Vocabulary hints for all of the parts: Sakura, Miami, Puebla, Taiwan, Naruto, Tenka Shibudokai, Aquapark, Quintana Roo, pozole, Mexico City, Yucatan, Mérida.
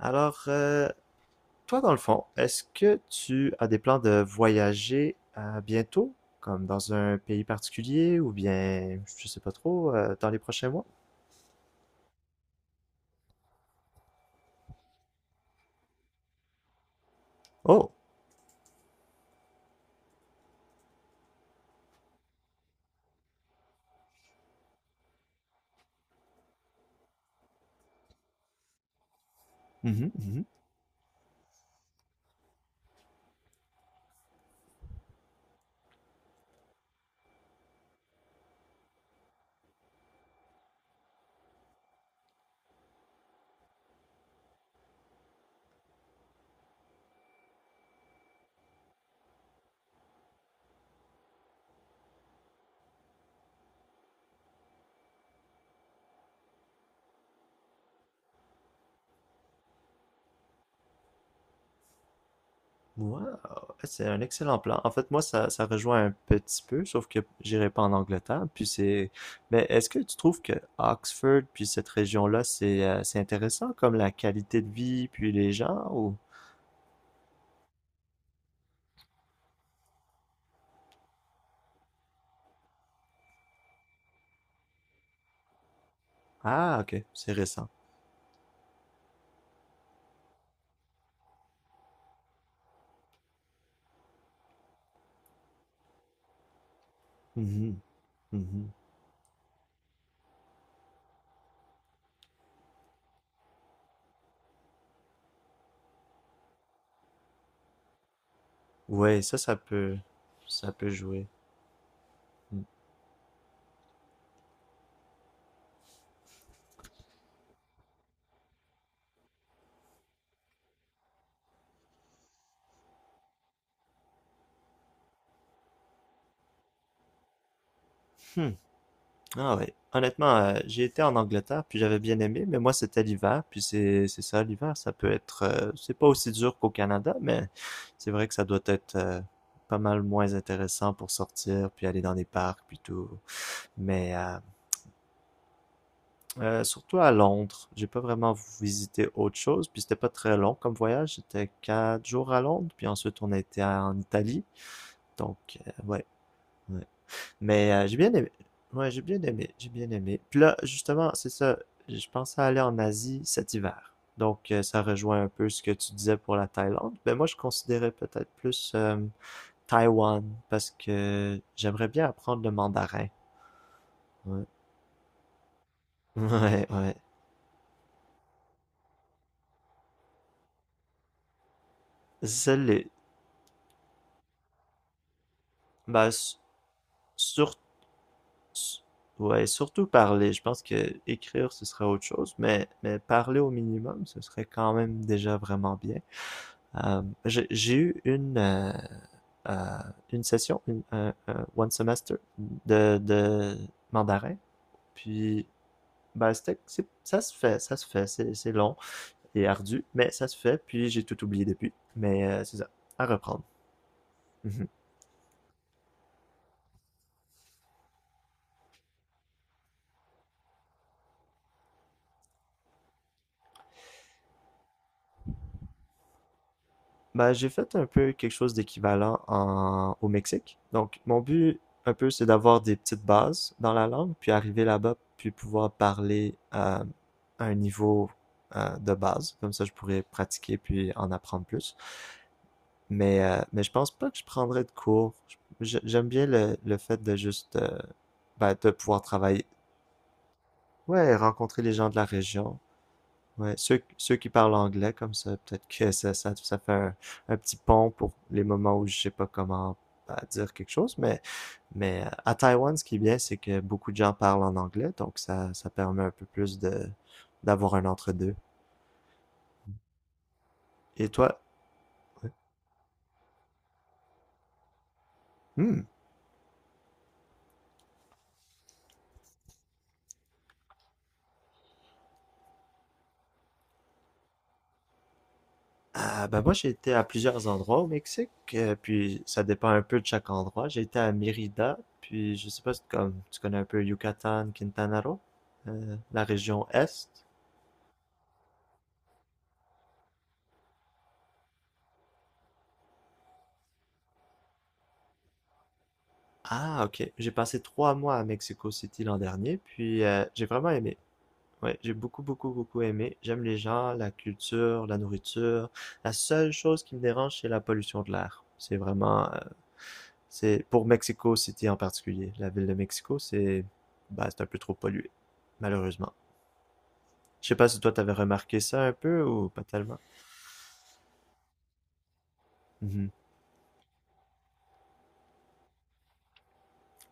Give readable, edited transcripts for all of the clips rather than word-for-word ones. Alors, toi, dans le fond, est-ce que tu as des plans de voyager bientôt, comme dans un pays particulier, ou bien, je sais pas trop, dans les prochains mois? Oh! Mhm, mhm. Wow! Eh, c'est un excellent plan. En fait, moi, ça rejoint un petit peu, sauf que j'irai pas en Angleterre, puis c'est... Mais est-ce que tu trouves que Oxford, puis cette région-là, c'est intéressant, comme la qualité de vie, puis les gens, ou... Ah, ok, c'est récent. Mhm, mhm. Ouais, ça peut jouer. Hmm. Hmm. Ah ouais. Honnêtement, j'ai été en Angleterre, puis j'avais bien aimé, mais moi, c'était l'hiver, puis c'est ça, l'hiver, ça peut être, c'est pas aussi dur qu'au Canada, mais c'est vrai que ça doit être pas mal moins intéressant pour sortir, puis aller dans des parcs, puis tout. Mais surtout à Londres, j'ai pas vraiment visité autre chose, puis c'était pas très long comme voyage, c'était 4 jours à Londres, puis ensuite on a été en Italie, donc ouais. Ouais. Mais j'ai bien aimé. Ouais, j'ai bien aimé. J'ai bien aimé. Puis là, justement, c'est ça. Je pensais aller en Asie cet hiver. Donc, ça rejoint un peu ce que tu disais pour la Thaïlande. Mais moi, je considérais peut-être plus Taïwan parce que j'aimerais bien apprendre le mandarin. Ouais, ouais. Ouais. C'est les- Bah, sur... Ouais, surtout parler. Je pense que écrire, ce serait autre chose. Mais parler au minimum, ce serait quand même déjà vraiment bien. J'ai eu euh, une session, un one semester de mandarin. Puis, ben, ça se fait, ça se fait. C'est long et ardu, mais ça se fait. Puis, j'ai tout oublié depuis. Mais c'est ça, à reprendre. Mhm. Bah, j'ai fait un peu quelque chose d'équivalent au Mexique. Donc, mon but, un peu, c'est d'avoir des petites bases dans la langue, puis arriver là-bas, puis pouvoir parler à un niveau de base. Comme ça, je pourrais pratiquer, puis en apprendre plus. Mais je pense pas que je prendrais de cours. J'aime bien le fait de juste, bah, de pouvoir travailler. Ouais, rencontrer les gens de la région. Ouais, ceux qui parlent anglais comme ça, peut-être que ça fait un petit pont pour les moments où je sais pas comment bah, dire quelque chose, mais à Taïwan, ce qui est bien, c'est que beaucoup de gens parlent en anglais, donc ça permet un peu plus de d'avoir un entre-deux. Et toi? Hmm. Ah, ben moi, j'ai été à plusieurs endroits au Mexique, puis ça dépend un peu de chaque endroit. J'ai été à Mérida, puis je sais pas si comme, tu connais un peu Yucatan, Quintana Roo, la région Est. Ah, ok. J'ai passé 3 mois à Mexico City l'an dernier, puis j'ai vraiment aimé. Ouais, j'ai beaucoup, beaucoup, beaucoup aimé. J'aime les gens, la culture, la nourriture. La seule chose qui me dérange, c'est la pollution de l'air. C'est pour Mexico City en particulier. La ville de Mexico, bah, c'est un peu trop pollué, malheureusement. Je sais pas si toi t'avais remarqué ça un peu ou pas tellement. Mhm,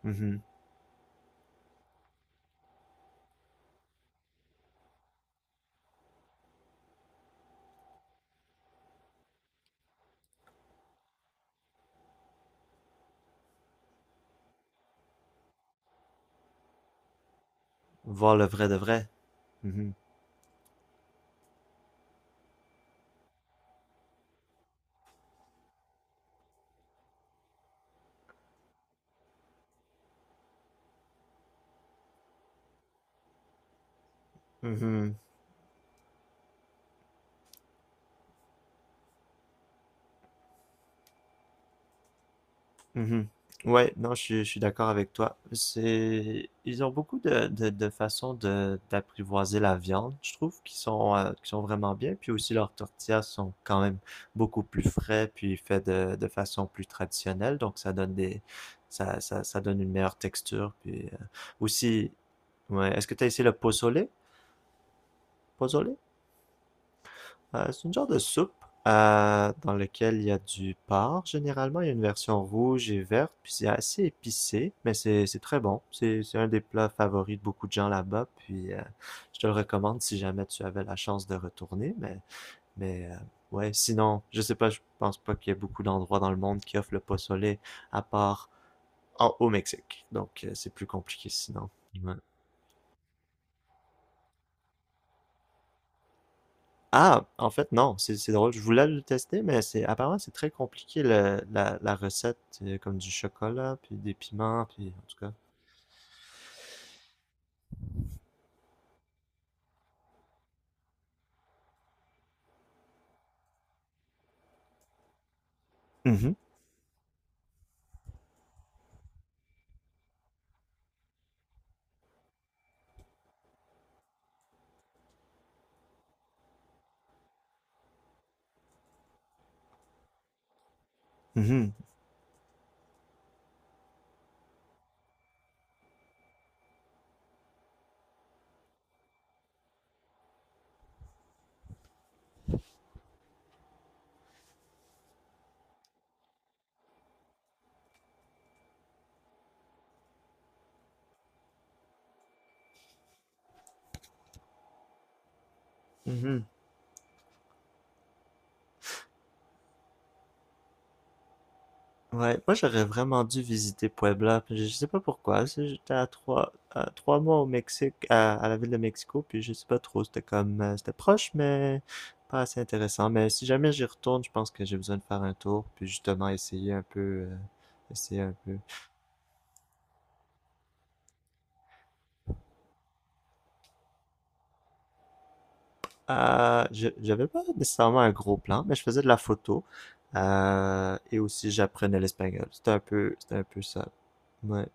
mhm. Voir le vrai de vrai. Mhm, mhm. Mhm. Ouais, non, je suis d'accord avec toi. Ils ont beaucoup de façons d'apprivoiser la viande, je trouve, qui sont vraiment bien. Puis aussi, leurs tortillas sont quand même beaucoup plus frais, puis faits de façon plus traditionnelle. Donc, ça donne une meilleure texture. Puis aussi, ouais, est-ce que tu as essayé le pozole? Pozole? C'est une genre de soupe dans laquelle il y a du porc. Généralement, il y a une version rouge et verte, puis c'est assez épicé, mais c'est très bon. C'est un des plats favoris de beaucoup de gens là-bas, puis je te le recommande si jamais tu avais la chance de retourner. Mais ouais, sinon, je sais pas, je pense pas qu'il y ait beaucoup d'endroits dans le monde qui offrent le pozole à part au Mexique. Donc c'est plus compliqué sinon. Ouais. Ah, en fait, non, c'est drôle. Je voulais le tester, mais c'est apparemment c'est très compliqué la recette, comme du chocolat, puis des piments, puis en tout cas. Mhm, mhm, mhm. Ouais, moi j'aurais vraiment dû visiter Puebla, puis je sais pas pourquoi. J'étais à trois mois au Mexique, à la ville de Mexico, puis je sais pas trop. C'était proche, mais pas assez intéressant. Mais si jamais j'y retourne, je pense que j'ai besoin de faire un tour, puis justement essayer un peu. J'avais pas nécessairement un gros plan, mais je faisais de la photo. Et aussi, j'apprenais l'espagnol. C'était un peu ça. Ouais.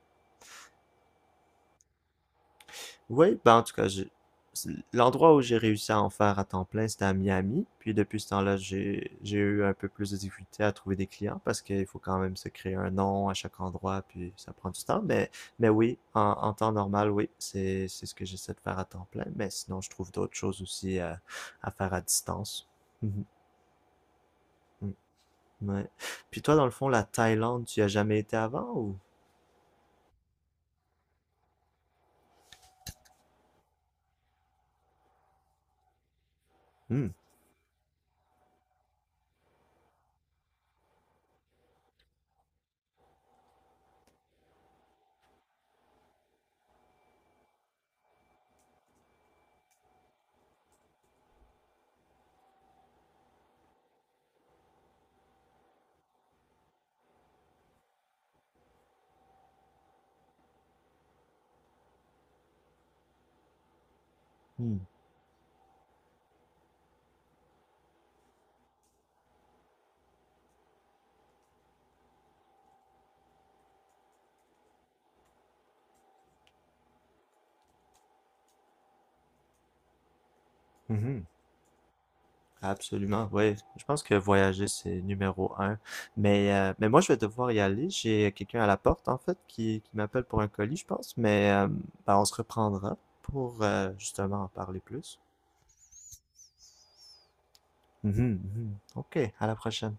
Oui, ben en tout cas, l'endroit où j'ai réussi à en faire à temps plein, c'était à Miami. Puis depuis ce temps-là, j'ai eu un peu plus de difficulté à trouver des clients parce qu'il faut quand même se créer un nom à chaque endroit, puis ça prend du temps. Mais oui, en temps normal, oui, c'est ce que j'essaie de faire à temps plein. Mais sinon, je trouve d'autres choses aussi à faire à distance. Mhm. Ouais. Puis toi, dans le fond, la Thaïlande, tu y as jamais été avant ou? Hmm, hmm. Mhm. Absolument, oui. Je pense que voyager, c'est numéro 1. Mais moi, je vais devoir y aller. J'ai quelqu'un à la porte, en fait, qui m'appelle pour un colis, je pense. Mais ben, on se reprendra pour justement en parler plus. Mhm, mhm. OK, à la prochaine.